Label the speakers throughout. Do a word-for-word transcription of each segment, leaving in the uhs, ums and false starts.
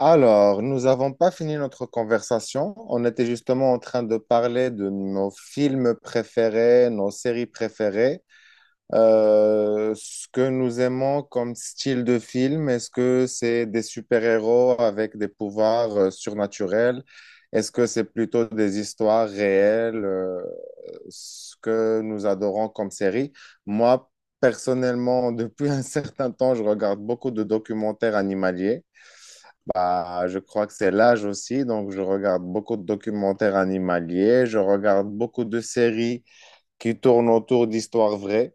Speaker 1: Alors, nous n'avons pas fini notre conversation. On était justement en train de parler de nos films préférés, nos séries préférées, euh, ce que nous aimons comme style de film. Est-ce que c'est des super-héros avec des pouvoirs euh, surnaturels? Est-ce que c'est plutôt des histoires réelles, euh, ce que nous adorons comme série? Moi, personnellement, depuis un certain temps, je regarde beaucoup de documentaires animaliers. Bah, je crois que c'est l'âge aussi, donc je regarde beaucoup de documentaires animaliers, je regarde beaucoup de séries qui tournent autour d'histoires vraies.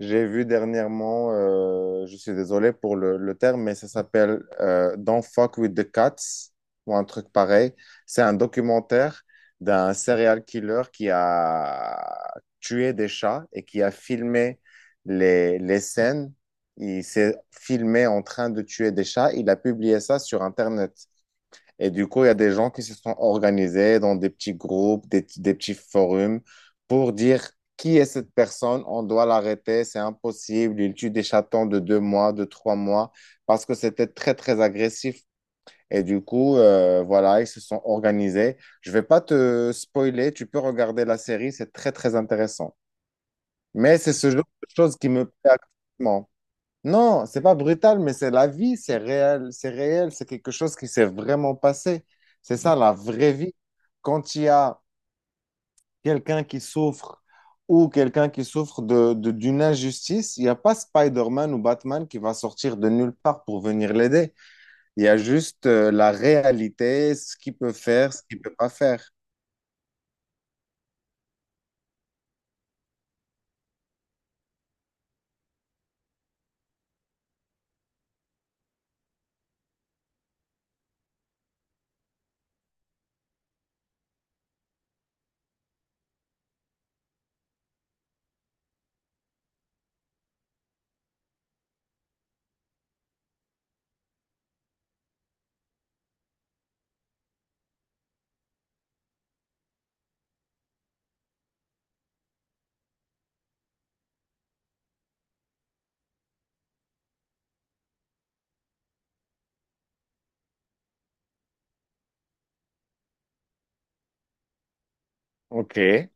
Speaker 1: J'ai vu dernièrement, euh, je suis désolé pour le, le terme, mais ça s'appelle euh, Don't Fuck with the Cats ou un truc pareil. C'est un documentaire d'un serial killer qui a tué des chats et qui a filmé les, les scènes. Il s'est filmé en train de tuer des chats. Il a publié ça sur Internet. Et du coup, il y a des gens qui se sont organisés dans des petits groupes, des, des petits forums pour dire qui est cette personne, on doit l'arrêter, c'est impossible, il tue des chatons de deux mois, de trois mois, parce que c'était très, très agressif. Et du coup, euh, voilà, ils se sont organisés. Je vais pas te spoiler, tu peux regarder la série, c'est très, très intéressant. Mais c'est ce genre de choses qui me plaît actuellement. Non, c'est pas brutal, mais c'est la vie, c'est réel, c'est réel, c'est quelque chose qui s'est vraiment passé. C'est ça la vraie vie. Quand il y a quelqu'un qui souffre ou quelqu'un qui souffre de, de- d'une injustice, il n'y a pas Spider-Man ou Batman qui va sortir de nulle part pour venir l'aider. Il y a juste euh, la réalité, ce qu'il peut faire, ce qu'il peut pas faire. OK. Et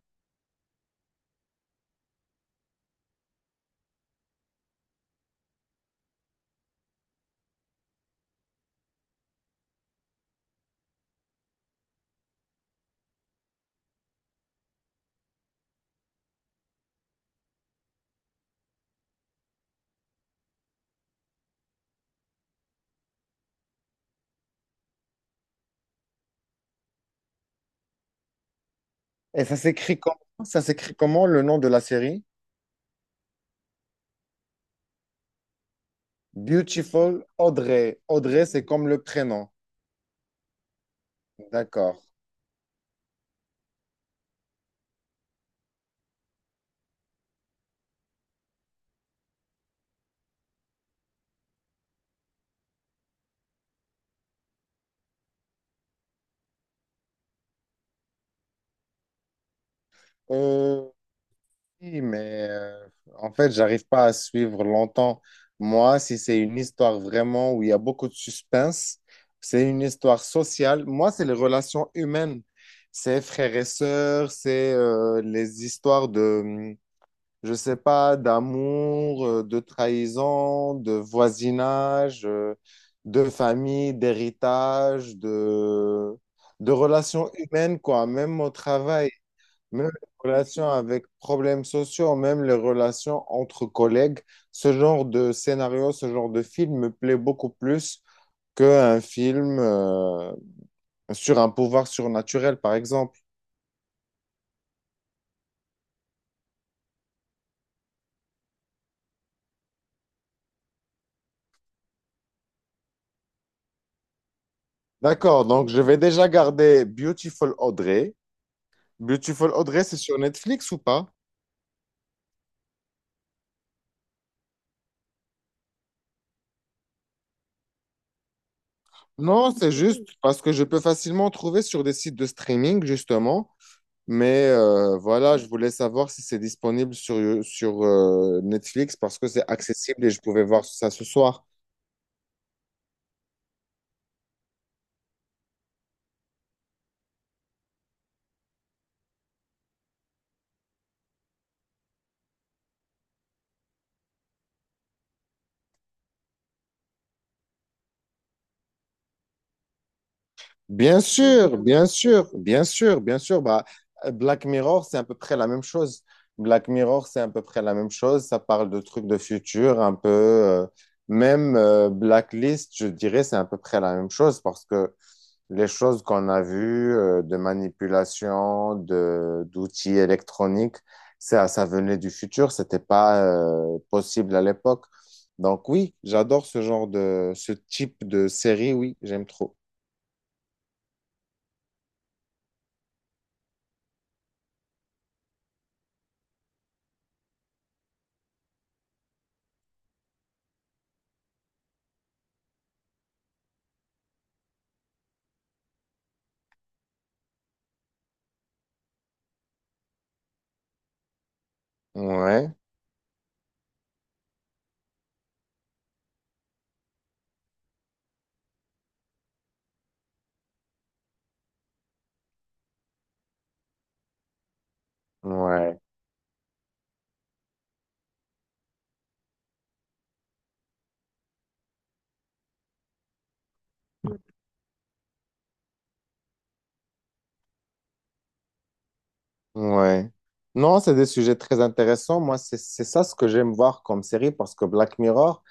Speaker 1: ça s'écrit comment? Ça s'écrit comment le nom de la série? Beautiful Audrey. Audrey, c'est comme le prénom. D'accord. Euh, oui, mais euh, en fait, j'arrive pas à suivre longtemps. Moi, si c'est une histoire vraiment où il y a beaucoup de suspense, c'est une histoire sociale. Moi, c'est les relations humaines. C'est frères et sœurs, c'est euh, les histoires de, hum, je sais pas, d'amour, euh, de trahison, de voisinage, euh, de famille, d'héritage, de, de relations humaines, quoi, même au travail. Même les relations avec problèmes sociaux, même les relations entre collègues, ce genre de scénario, ce genre de film me plaît beaucoup plus qu'un film euh, sur un pouvoir surnaturel, par exemple. D'accord, donc je vais déjà garder Beautiful Audrey. Beautiful Audrey, c'est sur Netflix ou pas? Non, c'est juste parce que je peux facilement trouver sur des sites de streaming, justement. Mais euh, voilà, je voulais savoir si c'est disponible sur, sur euh, Netflix parce que c'est accessible et je pouvais voir ça ce soir. Bien sûr, bien sûr, bien sûr, bien sûr. Bah, euh, Black Mirror, c'est à peu près la même chose. Black Mirror, c'est à peu près la même chose. Ça parle de trucs de futur, un peu. euh, même euh, Blacklist, je dirais, c'est à peu près la même chose parce que les choses qu'on a vues euh, de manipulation, de, d'outils électroniques, ça, ça venait du futur, c'était pas euh, possible à l'époque. Donc oui, j'adore ce genre de, ce type de série, oui, j'aime trop. Ouais, ouais. Ouais. Non, c'est des sujets très intéressants. Moi, c'est c'est ça ce que j'aime voir comme série parce que Black Mirror,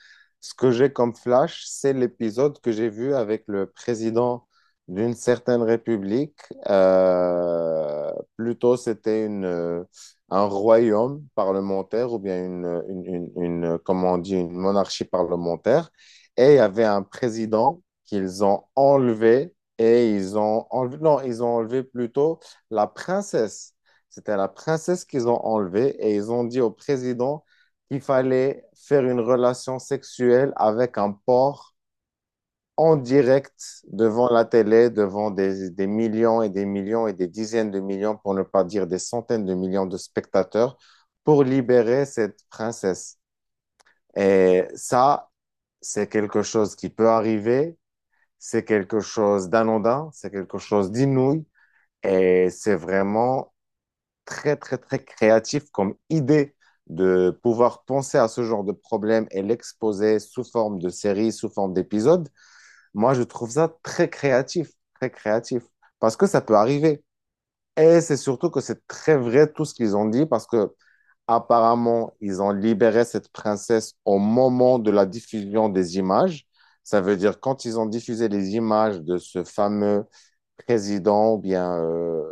Speaker 1: ce que j'ai comme flash, c'est l'épisode que j'ai vu avec le président d'une certaine république. Euh, plutôt, c'était une, euh, un royaume parlementaire ou bien une, une, une, une- comment on dit, une monarchie parlementaire. Et il y avait un président qu'ils ont enlevé et ils ont enlevé, non, ils ont enlevé plutôt la princesse. C'était la princesse qu'ils ont enlevée et ils ont dit au président qu'il fallait faire une relation sexuelle avec un porc en direct devant la télé, devant des, des millions et des millions et des dizaines de millions, pour ne pas dire des centaines de millions de spectateurs, pour libérer cette princesse. Et ça, c'est quelque chose qui peut arriver, c'est quelque chose d'anodin, c'est quelque chose d'inouï, et c'est vraiment très, très, très créatif comme idée de pouvoir penser à ce genre de problème et l'exposer sous forme de série, sous forme d'épisode. Moi, je trouve ça très créatif, très créatif, parce que ça peut arriver. Et c'est surtout que c'est très vrai tout ce qu'ils ont dit, parce que apparemment, ils ont libéré cette princesse au moment de la diffusion des images. Ça veut dire quand ils ont diffusé les images de ce fameux président ou bien euh,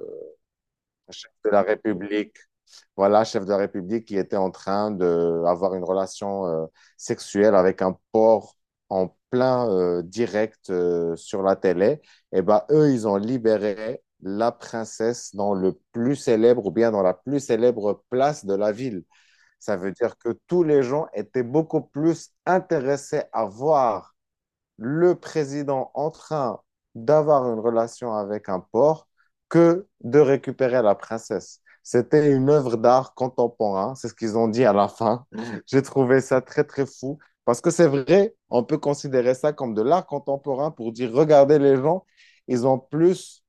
Speaker 1: chef de la République voilà, chef de la République qui était en train d'avoir une relation euh, sexuelle avec un porc en plein euh, direct euh, sur la télé, et ben eux, ils ont libéré la princesse dans le plus célèbre ou bien dans la plus célèbre place de la ville. Ça veut dire que tous les gens étaient beaucoup plus intéressés à voir le président en train d'avoir une relation avec un porc que de récupérer la princesse. C'était une œuvre d'art contemporain, c'est ce qu'ils ont dit à la fin. J'ai trouvé ça très, très fou. Parce que c'est vrai, on peut considérer ça comme de l'art contemporain pour dire, regardez les gens, ils ont plus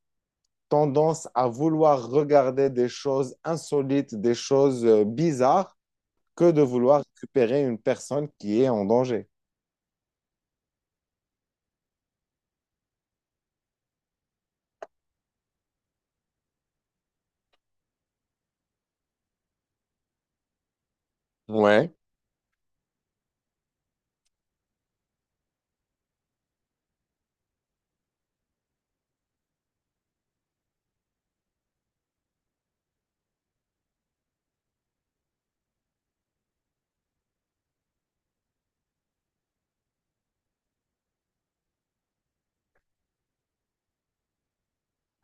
Speaker 1: tendance à vouloir regarder des choses insolites, des choses euh, bizarres, que de vouloir récupérer une personne qui est en danger. Ouais.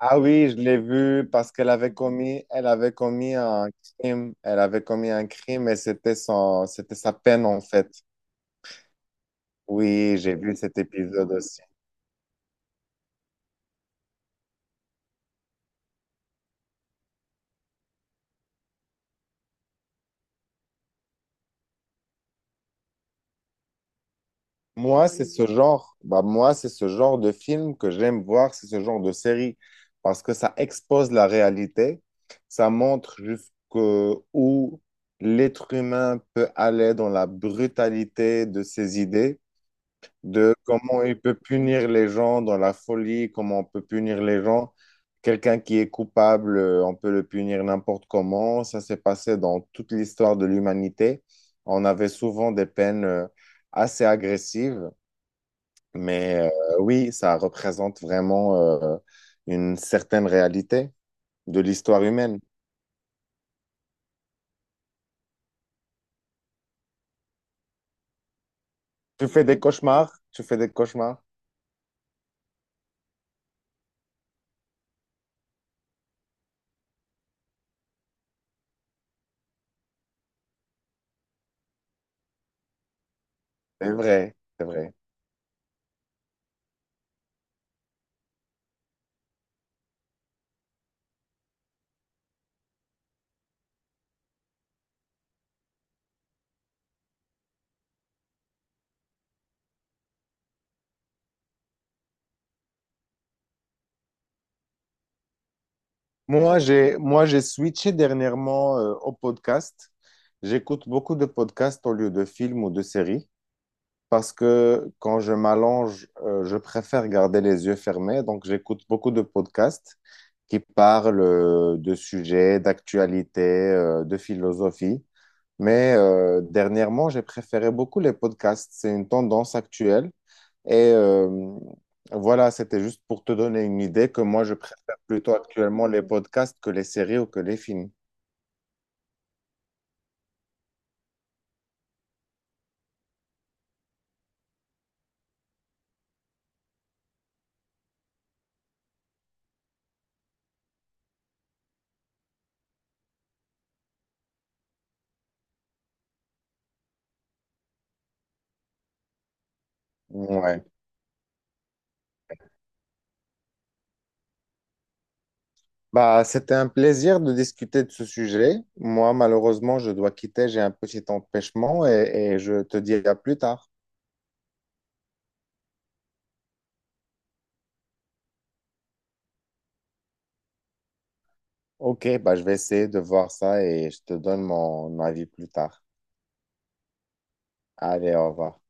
Speaker 1: Ah oui, je l'ai vu parce qu'elle avait commis, elle avait commis un crime. Elle avait commis un crime et c'était son, c'était sa peine en fait. Oui, j'ai vu cet épisode aussi. Moi, c'est ce genre, bah, moi, c'est ce genre de film que j'aime voir, c'est ce genre de série parce que ça expose la réalité, ça montre jusqu'où l'être humain peut aller dans la brutalité de ses idées. De comment il peut punir les gens dans la folie, comment on peut punir les gens. Quelqu'un qui est coupable, euh, on peut le punir n'importe comment. Ça s'est passé dans toute l'histoire de l'humanité. On avait souvent des peines euh, assez agressives, mais euh, oui, ça représente vraiment euh, une certaine réalité de l'histoire humaine. Tu fais des cauchemars, tu fais des cauchemars. C'est vrai, c'est vrai. Moi, j'ai moi j'ai switché dernièrement euh, au podcast. J'écoute beaucoup de podcasts au lieu de films ou de séries parce que quand je m'allonge, euh, je préfère garder les yeux fermés. Donc, j'écoute beaucoup de podcasts qui parlent euh, de sujets, d'actualité, euh, de philosophie. Mais euh, dernièrement, j'ai préféré beaucoup les podcasts. C'est une tendance actuelle. Et euh, voilà, c'était juste pour te donner une idée que moi, je préfère plutôt actuellement les podcasts que les séries ou que les films. Ouais. Bah, c'était un plaisir de discuter de ce sujet. Moi, malheureusement, je dois quitter, j'ai un petit empêchement et, et je te dis à plus tard. Ok, bah, je vais essayer de voir ça et je te donne mon avis plus tard. Allez, au revoir.